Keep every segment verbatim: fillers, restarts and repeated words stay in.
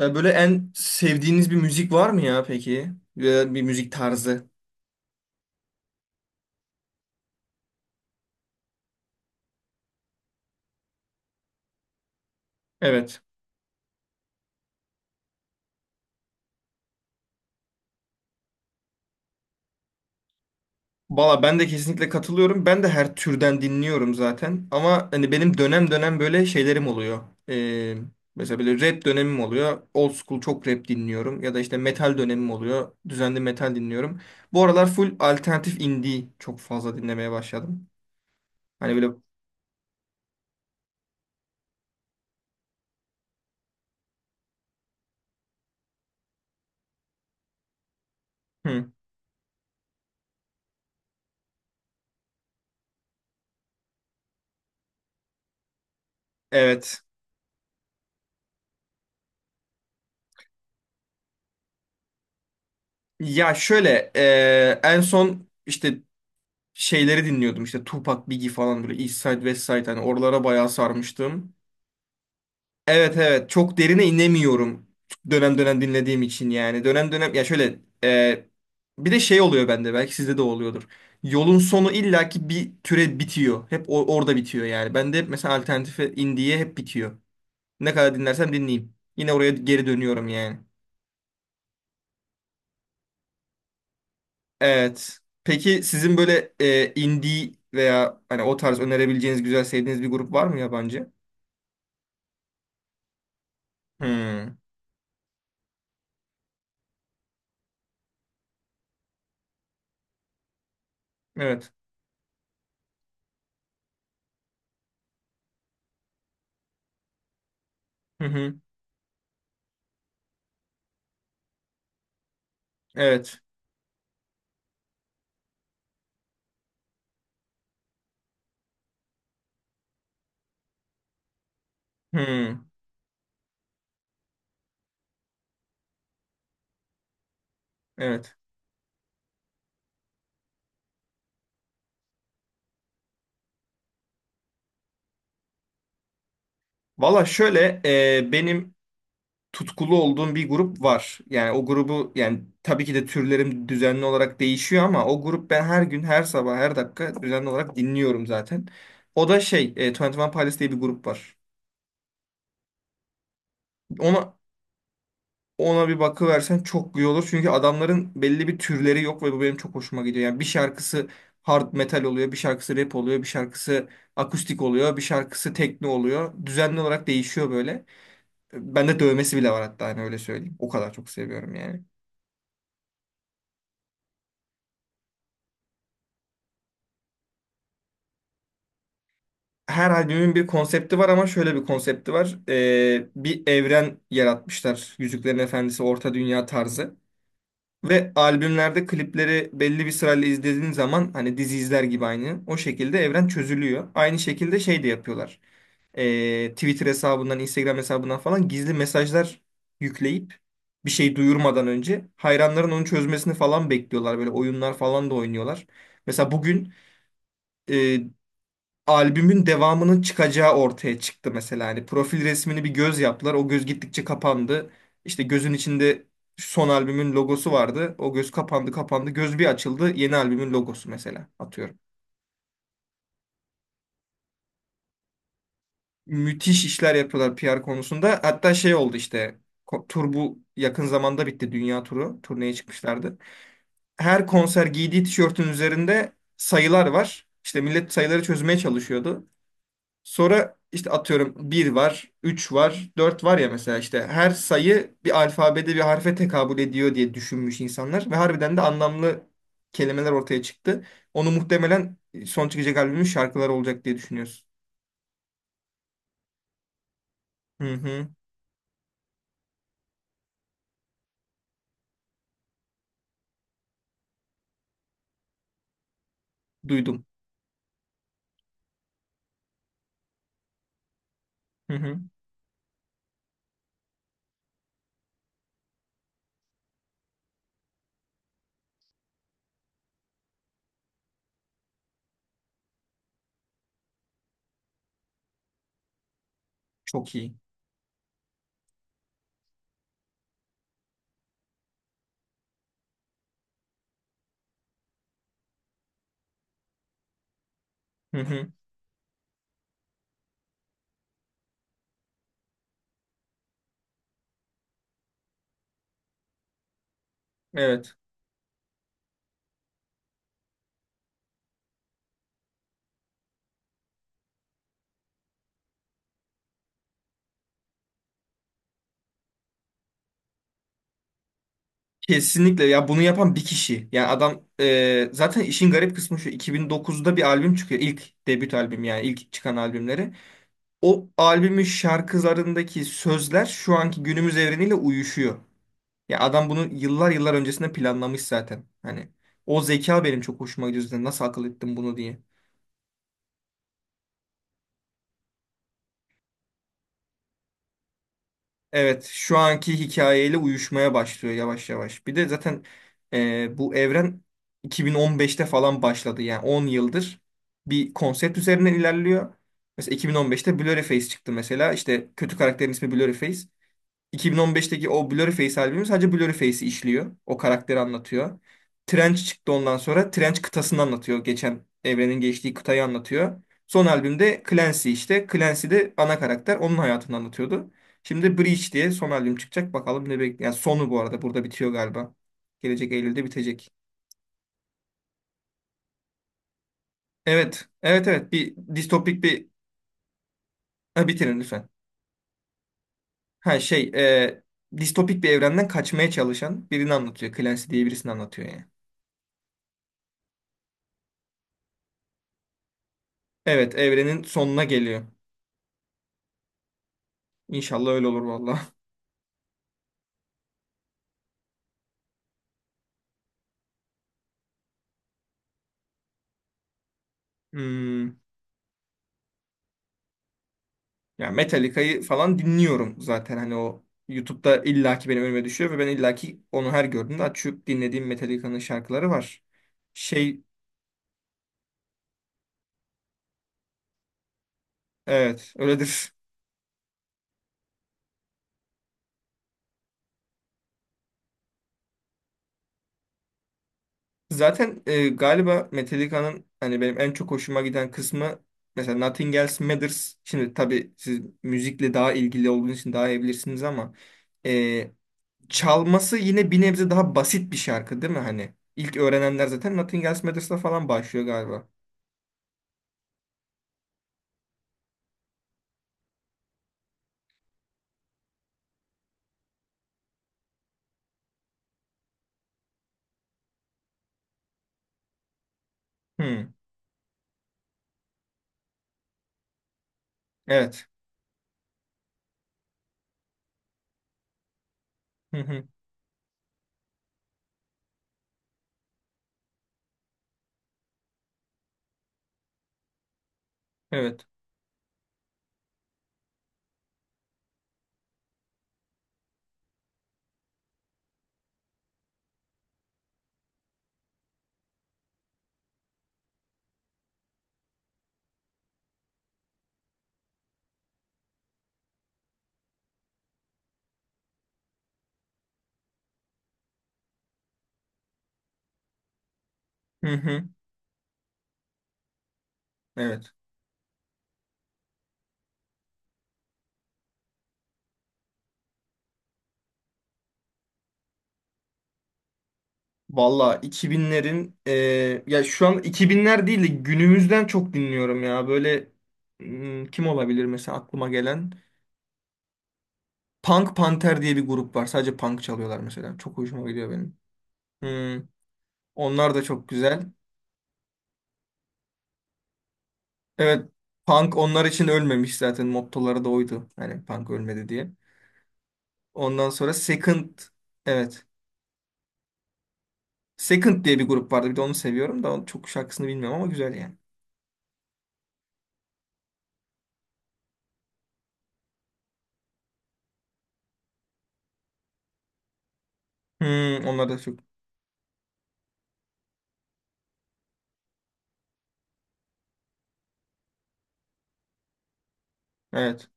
E, böyle en sevdiğiniz bir müzik var mı ya peki? Veya bir müzik tarzı. Evet. Valla ben de kesinlikle katılıyorum. Ben de her türden dinliyorum zaten. Ama hani benim dönem dönem böyle şeylerim oluyor. E, Mesela böyle rap dönemim oluyor. Old school çok rap dinliyorum. Ya da işte metal dönemim oluyor. Düzenli metal dinliyorum. Bu aralar full alternatif indie çok fazla dinlemeye başladım. Hani böyle... Hı, evet. Ya şöyle e, en son işte şeyleri dinliyordum işte Tupac, Biggie falan böyle East Side, West Side hani oralara bayağı sarmıştım. Evet, evet, çok derine inemiyorum dönem dönem dinlediğim için. Yani dönem dönem ya şöyle, e, bir de şey oluyor bende, belki sizde de oluyordur. Yolun sonu illaki bir türe bitiyor. Hep o- orada bitiyor yani. Bende hep mesela alternatife, indiye hep bitiyor. Ne kadar dinlersem dinleyeyim, yine oraya geri dönüyorum yani. Evet. Peki sizin böyle e, indie veya hani o tarz önerebileceğiniz güzel sevdiğiniz bir grup var mı yabancı? Hmm, evet. Hı hı, evet. Hmm, evet. Valla şöyle, e, benim tutkulu olduğum bir grup var. Yani o grubu, yani tabii ki de türlerim düzenli olarak değişiyor ama o grup, ben her gün, her sabah, her dakika düzenli olarak dinliyorum zaten. O da şey, e, yirmi bir Pilots diye bir grup var. Onu Ona bir bakıversen çok iyi olur. Çünkü adamların belli bir türleri yok ve bu benim çok hoşuma gidiyor. Yani bir şarkısı hard metal oluyor, bir şarkısı rap oluyor, bir şarkısı akustik oluyor, bir şarkısı tekno oluyor. Düzenli olarak değişiyor böyle. Bende dövmesi bile var hatta, hani öyle söyleyeyim. O kadar çok seviyorum yani. Her albümün bir konsepti var, ama şöyle bir konsepti var. Ee, bir evren yaratmışlar. Yüzüklerin Efendisi, Orta Dünya tarzı. Ve albümlerde klipleri belli bir sırayla izlediğin zaman hani dizi izler gibi aynı. O şekilde evren çözülüyor. Aynı şekilde şey de yapıyorlar. Ee, Twitter hesabından, Instagram hesabından falan gizli mesajlar yükleyip bir şey duyurmadan önce hayranların onu çözmesini falan bekliyorlar. Böyle oyunlar falan da oynuyorlar. Mesela bugün e, albümün devamının çıkacağı ortaya çıktı mesela. Hani profil resmini bir göz yaptılar. O göz gittikçe kapandı. İşte gözün içinde son albümün logosu vardı. O göz kapandı, kapandı. Göz bir açıldı. Yeni albümün logosu, mesela, atıyorum. Müthiş işler yapıyorlar P R konusunda. Hatta şey oldu işte, ko- tur bu yakın zamanda bitti. Dünya turu. Turneye çıkmışlardı. Her konser giydiği tişörtün üzerinde sayılar var. İşte millet sayıları çözmeye çalışıyordu. Sonra işte, atıyorum, bir var, üç var, dört var ya mesela, işte her sayı bir alfabede bir harfe tekabül ediyor diye düşünmüş insanlar ve harbiden de anlamlı kelimeler ortaya çıktı. Onu muhtemelen son çıkacak albümün şarkıları olacak diye düşünüyorsun. Hı hı, duydum. Hı hı, çok iyi. Hı hı, evet. Kesinlikle ya, bunu yapan bir kişi. Yani adam, e, zaten işin garip kısmı şu: iki bin dokuzda bir albüm çıkıyor. İlk debüt albüm, yani ilk çıkan albümleri. O albümün şarkılarındaki sözler şu anki günümüz evreniyle uyuşuyor. Ya adam bunu yıllar yıllar öncesinde planlamış zaten. Hani o zeka benim çok hoşuma gidiyor zaten. Nasıl akıl ettim bunu diye. Evet, şu anki hikayeyle uyuşmaya başlıyor yavaş yavaş. Bir de zaten e, bu evren iki bin on beşte falan başladı. Yani on yıldır bir konsept üzerinden ilerliyor. Mesela iki bin on beşte Blurryface çıktı. Mesela. İşte kötü karakterin ismi Blurryface. iki bin on beşteki o Blurry Face albümü sadece Blurry Face'i işliyor. O karakteri anlatıyor. Trench çıktı ondan sonra. Trench kıtasını anlatıyor. Geçen, evrenin geçtiği kıtayı anlatıyor. Son albümde Clancy işte. Clancy de ana karakter. Onun hayatını anlatıyordu. Şimdi Breach diye son albüm çıkacak. Bakalım ne bekliyor. Yani sonu bu arada burada bitiyor galiba. Gelecek Eylül'de bitecek. Evet. Evet, evet. Bir distopik bir... Ha, bitirin lütfen. Ha şey. e, distopik bir evrenden kaçmaya çalışan birini anlatıyor. Clancy diye birisini anlatıyor yani. Evet, evrenin sonuna geliyor. İnşallah öyle olur valla. Hmm. Ya Metallica'yı falan dinliyorum zaten, hani o YouTube'da illaki benim önüme düşüyor ve ben illaki onu her gördüğümde açıp dinlediğim Metallica'nın şarkıları var. Şey evet öyledir. Zaten e, galiba Metallica'nın hani benim en çok hoşuma giden kısmı mesela Nothing Else Matters. Şimdi tabii siz müzikle daha ilgili olduğunuz için daha iyi bilirsiniz ama e, çalması yine bir nebze daha basit bir şarkı değil mi hani? İlk öğrenenler zaten Nothing Else Matters'la falan başlıyor galiba. Hı, evet. Hı hı, evet. Hı hı, evet. Valla iki binlerin eee, ya şu an iki binler değil de günümüzden çok dinliyorum ya. Böyle, hmm, kim olabilir mesela aklıma gelen? Punk Panther diye bir grup var. Sadece punk çalıyorlar mesela. Çok hoşuma gidiyor benim. Hı, onlar da çok güzel. Evet. Punk onlar için ölmemiş zaten. Mottoları da oydu, hani punk ölmedi diye. Ondan sonra Second. Evet. Second diye bir grup vardı. Bir de onu seviyorum da, onun çok şarkısını bilmiyorum ama güzel yani. Hmm, onlar da çok. Evet.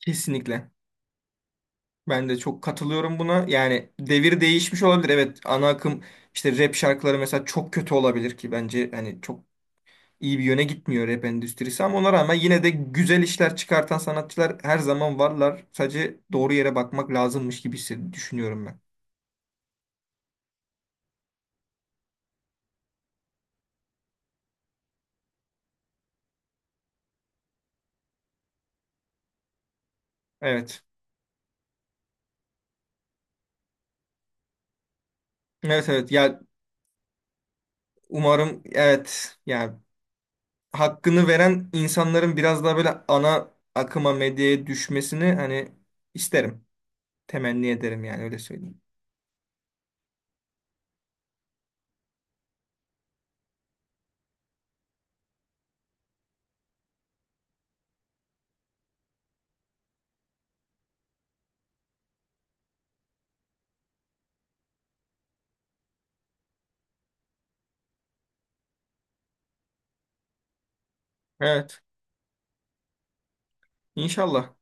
Kesinlikle. Ben de çok katılıyorum buna. Yani devir değişmiş olabilir. Evet, ana akım işte rap şarkıları mesela çok kötü olabilir ki, bence hani çok iyi bir yöne gitmiyor rap endüstrisi, ama ona rağmen yine de güzel işler çıkartan sanatçılar her zaman varlar. Sadece doğru yere bakmak lazımmış gibi hissed- düşünüyorum ben. Evet. Evet, evet. Ya, umarım. Evet, yani hakkını veren insanların biraz daha böyle ana akıma, medyaya düşmesini hani isterim. Temenni ederim yani, öyle söyleyeyim. Evet, inşallah.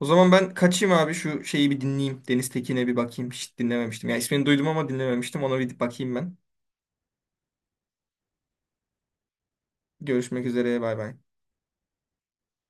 O zaman ben kaçayım abi, şu şeyi bir dinleyeyim. Deniz Tekin'e bir bakayım. Hiç dinlememiştim. Ya ismini duydum ama dinlememiştim. Ona bir bakayım ben. Görüşmek üzere. Bay bay.